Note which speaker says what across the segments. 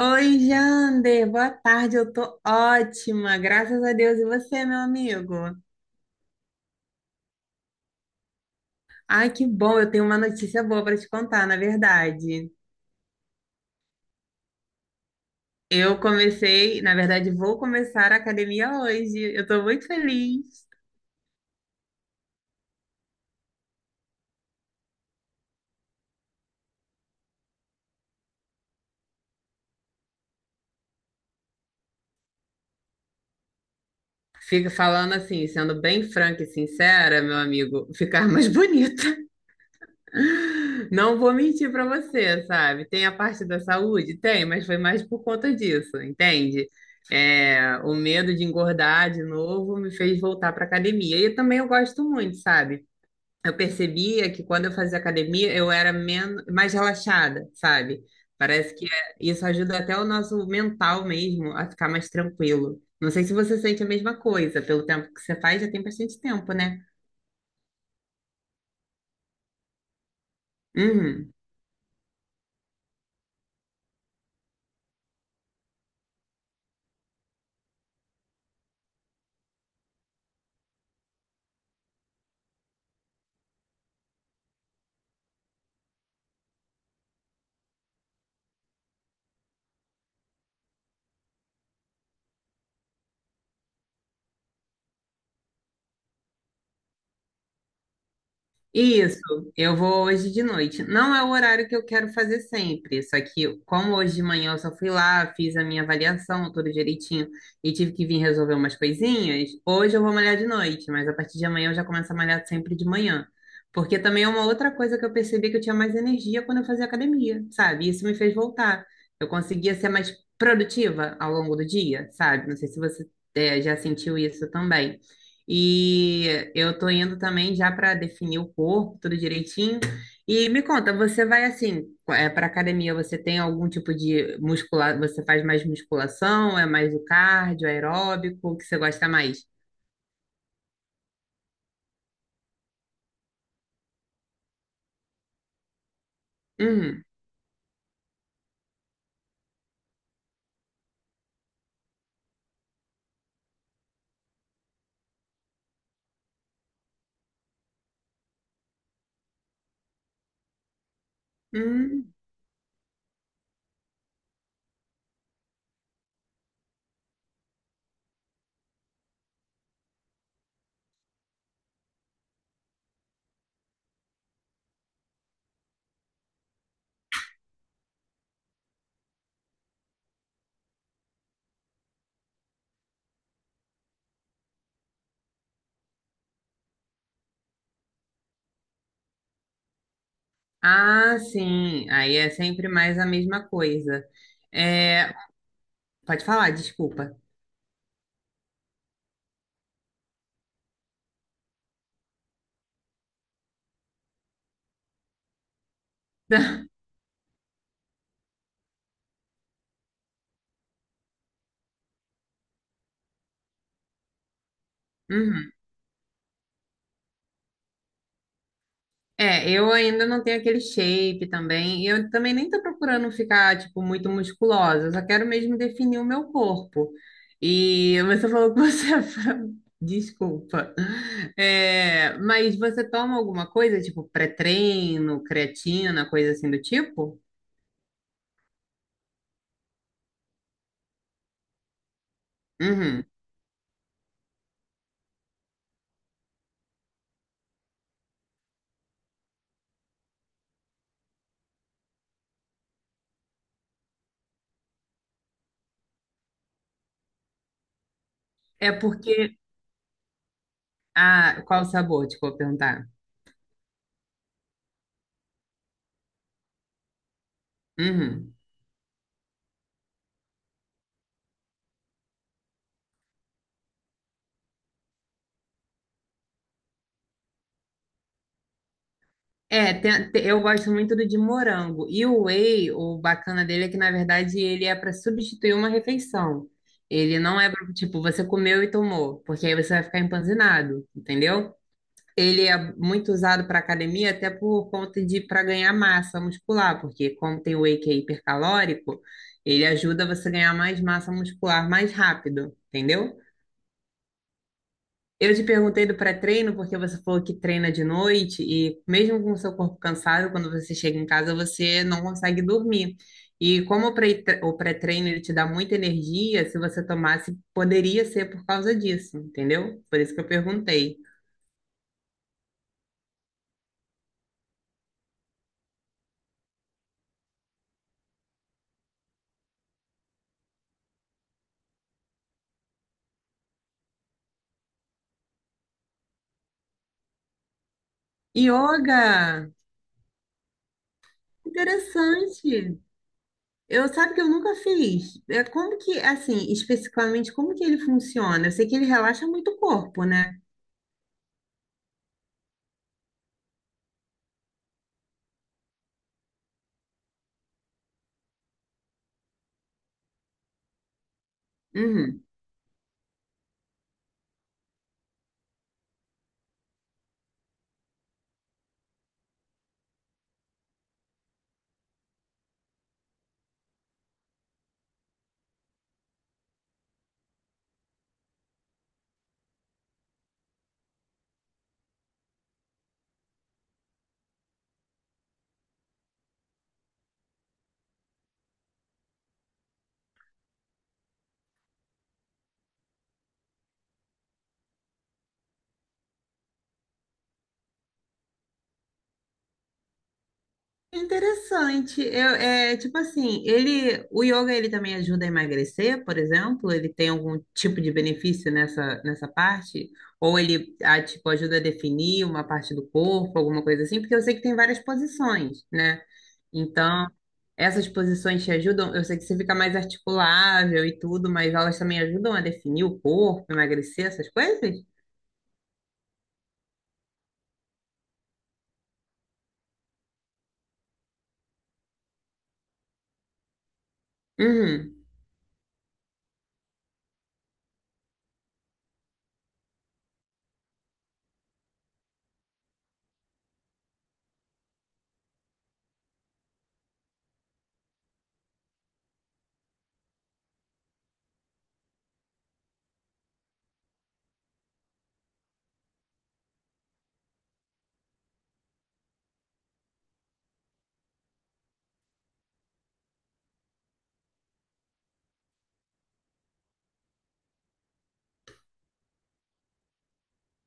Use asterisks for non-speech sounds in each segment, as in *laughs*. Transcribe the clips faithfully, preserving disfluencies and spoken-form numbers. Speaker 1: Oi, Jander, boa tarde, eu tô ótima, graças a Deus. E você, meu amigo? Ai, que bom, eu tenho uma notícia boa para te contar, na verdade. Eu comecei, na verdade, vou começar a academia hoje. Eu tô muito feliz. Fico falando assim, sendo bem franca e sincera, meu amigo, ficar *laughs* mais bonita. Não vou mentir pra você, sabe? Tem a parte da saúde? Tem, mas foi mais por conta disso, entende? É, o medo de engordar de novo me fez voltar pra academia. E também eu gosto muito, sabe? Eu percebia que quando eu fazia academia eu era menos, mais relaxada, sabe? Parece que é- isso ajuda até o nosso mental mesmo a ficar mais tranquilo. Não sei se você sente a mesma coisa, pelo tempo que você faz, já tem bastante tempo, né? Uhum. Isso, eu vou hoje de noite. Não é o horário que eu quero fazer sempre, só que como hoje de manhã eu só fui lá, fiz a minha avaliação tudo direitinho e tive que vir resolver umas coisinhas, hoje eu vou malhar de noite, mas a partir de amanhã eu já começo a malhar sempre de manhã. Porque também é uma outra coisa que eu percebi que eu tinha mais energia quando eu fazia academia, sabe? Isso me fez voltar. Eu conseguia ser mais produtiva ao longo do dia, sabe? Não sei se você eh, já sentiu isso também. E eu tô indo também já para definir o corpo, tudo direitinho. E me conta, você vai assim, é, para academia, você tem algum tipo de muscular, você faz mais musculação, é mais o cardio, aeróbico, o que você gosta mais? Uhum. Uhum. Ah, sim. Aí é sempre mais a mesma coisa. É, pode falar, desculpa. *laughs* Uhum. É, eu ainda não tenho aquele shape também. E eu também nem tô procurando ficar, tipo, muito musculosa. Eu só quero mesmo definir o meu corpo. E você falou que você é fra- *laughs* Desculpa. É, mas você toma alguma coisa, tipo, pré-treino, creatina, coisa assim do tipo? Uhum. É porque... Ah, qual o sabor? Desculpa perguntar. Uhum. É, tem- tem- eu gosto muito do de morango. E o whey, o bacana dele é que, na verdade, ele é para substituir uma refeição. Ele não é para, tipo, você comeu e tomou, porque aí você vai ficar empanzinado, entendeu? Ele é muito usado para academia, até por conta de para ganhar massa muscular, porque como tem whey que é hipercalórico, ele ajuda você a ganhar mais massa muscular mais rápido, entendeu? Eu te perguntei do pré-treino porque você falou que treina de noite e mesmo com o seu corpo cansado, quando você chega em casa, você não consegue dormir. E como o pré- o pré-treino ele te dá muita energia, se você tomasse, poderia ser por causa disso, entendeu? Por isso que eu perguntei. Yoga! Interessante! Eu sabe que eu nunca fiz. É como que, assim, especificamente, como que ele funciona? Eu sei que ele relaxa muito o corpo, né? Uhum. Interessante. Eu, é, tipo assim, ele, o yoga ele também ajuda a emagrecer, por exemplo? Ele tem algum tipo de benefício nessa, nessa parte? Ou ele, ah, tipo, ajuda a definir uma parte do corpo, alguma coisa assim? Porque eu sei que tem várias posições, né? Então, essas posições te ajudam. Eu sei que você fica mais articulável e tudo, mas elas também ajudam a definir o corpo, emagrecer, essas coisas? Uhum.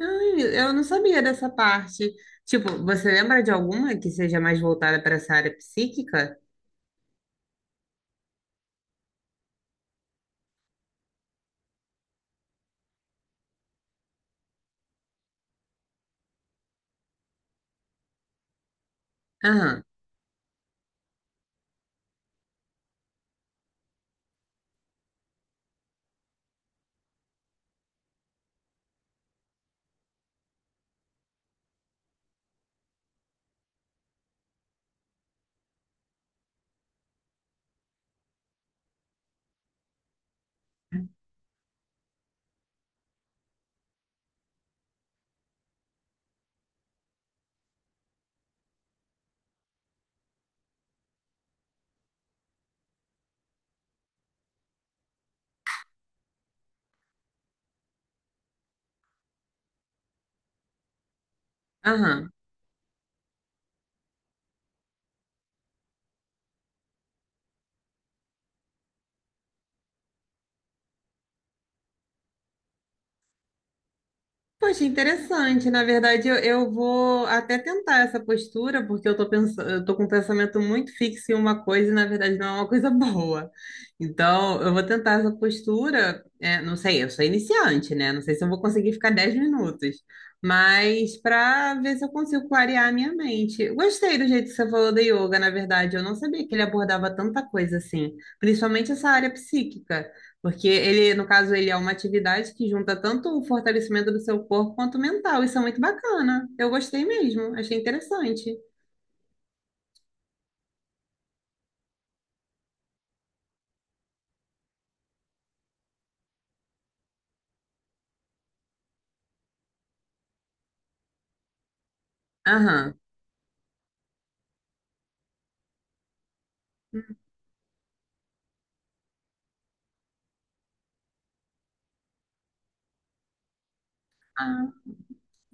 Speaker 1: Ai, eu não sabia dessa parte. Tipo, você lembra de alguma que seja mais voltada para essa área psíquica? Aham, aham. Poxa, interessante. Na verdade, eu, eu vou até tentar essa postura, porque eu tô pensando, eu tô com um pensamento muito fixo em uma coisa e, na verdade, não é uma coisa *laughs* boa. Então, eu vou tentar essa postura. É, não sei, eu sou iniciante, né? Não sei se eu vou conseguir ficar dez minutos, mas para ver se eu consigo clarear a minha mente. Gostei do jeito que você falou da yoga, na verdade. Eu não sabia que ele abordava tanta coisa assim, principalmente essa área psíquica. Porque ele, no caso, ele é uma atividade que junta tanto o fortalecimento do seu corpo quanto o mental. Isso é muito bacana. Eu gostei mesmo, achei interessante. Aham. Ah,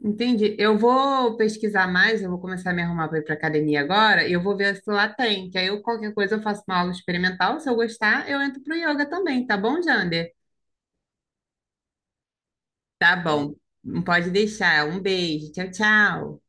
Speaker 1: entendi. Eu vou pesquisar mais, eu vou começar a me arrumar para ir para academia agora e eu vou ver se lá tem, que aí eu, qualquer coisa eu faço uma aula experimental, se eu gostar, eu entro pro yoga também, tá bom, Jander? Tá bom. Não pode deixar. Um beijo. Tchau, tchau.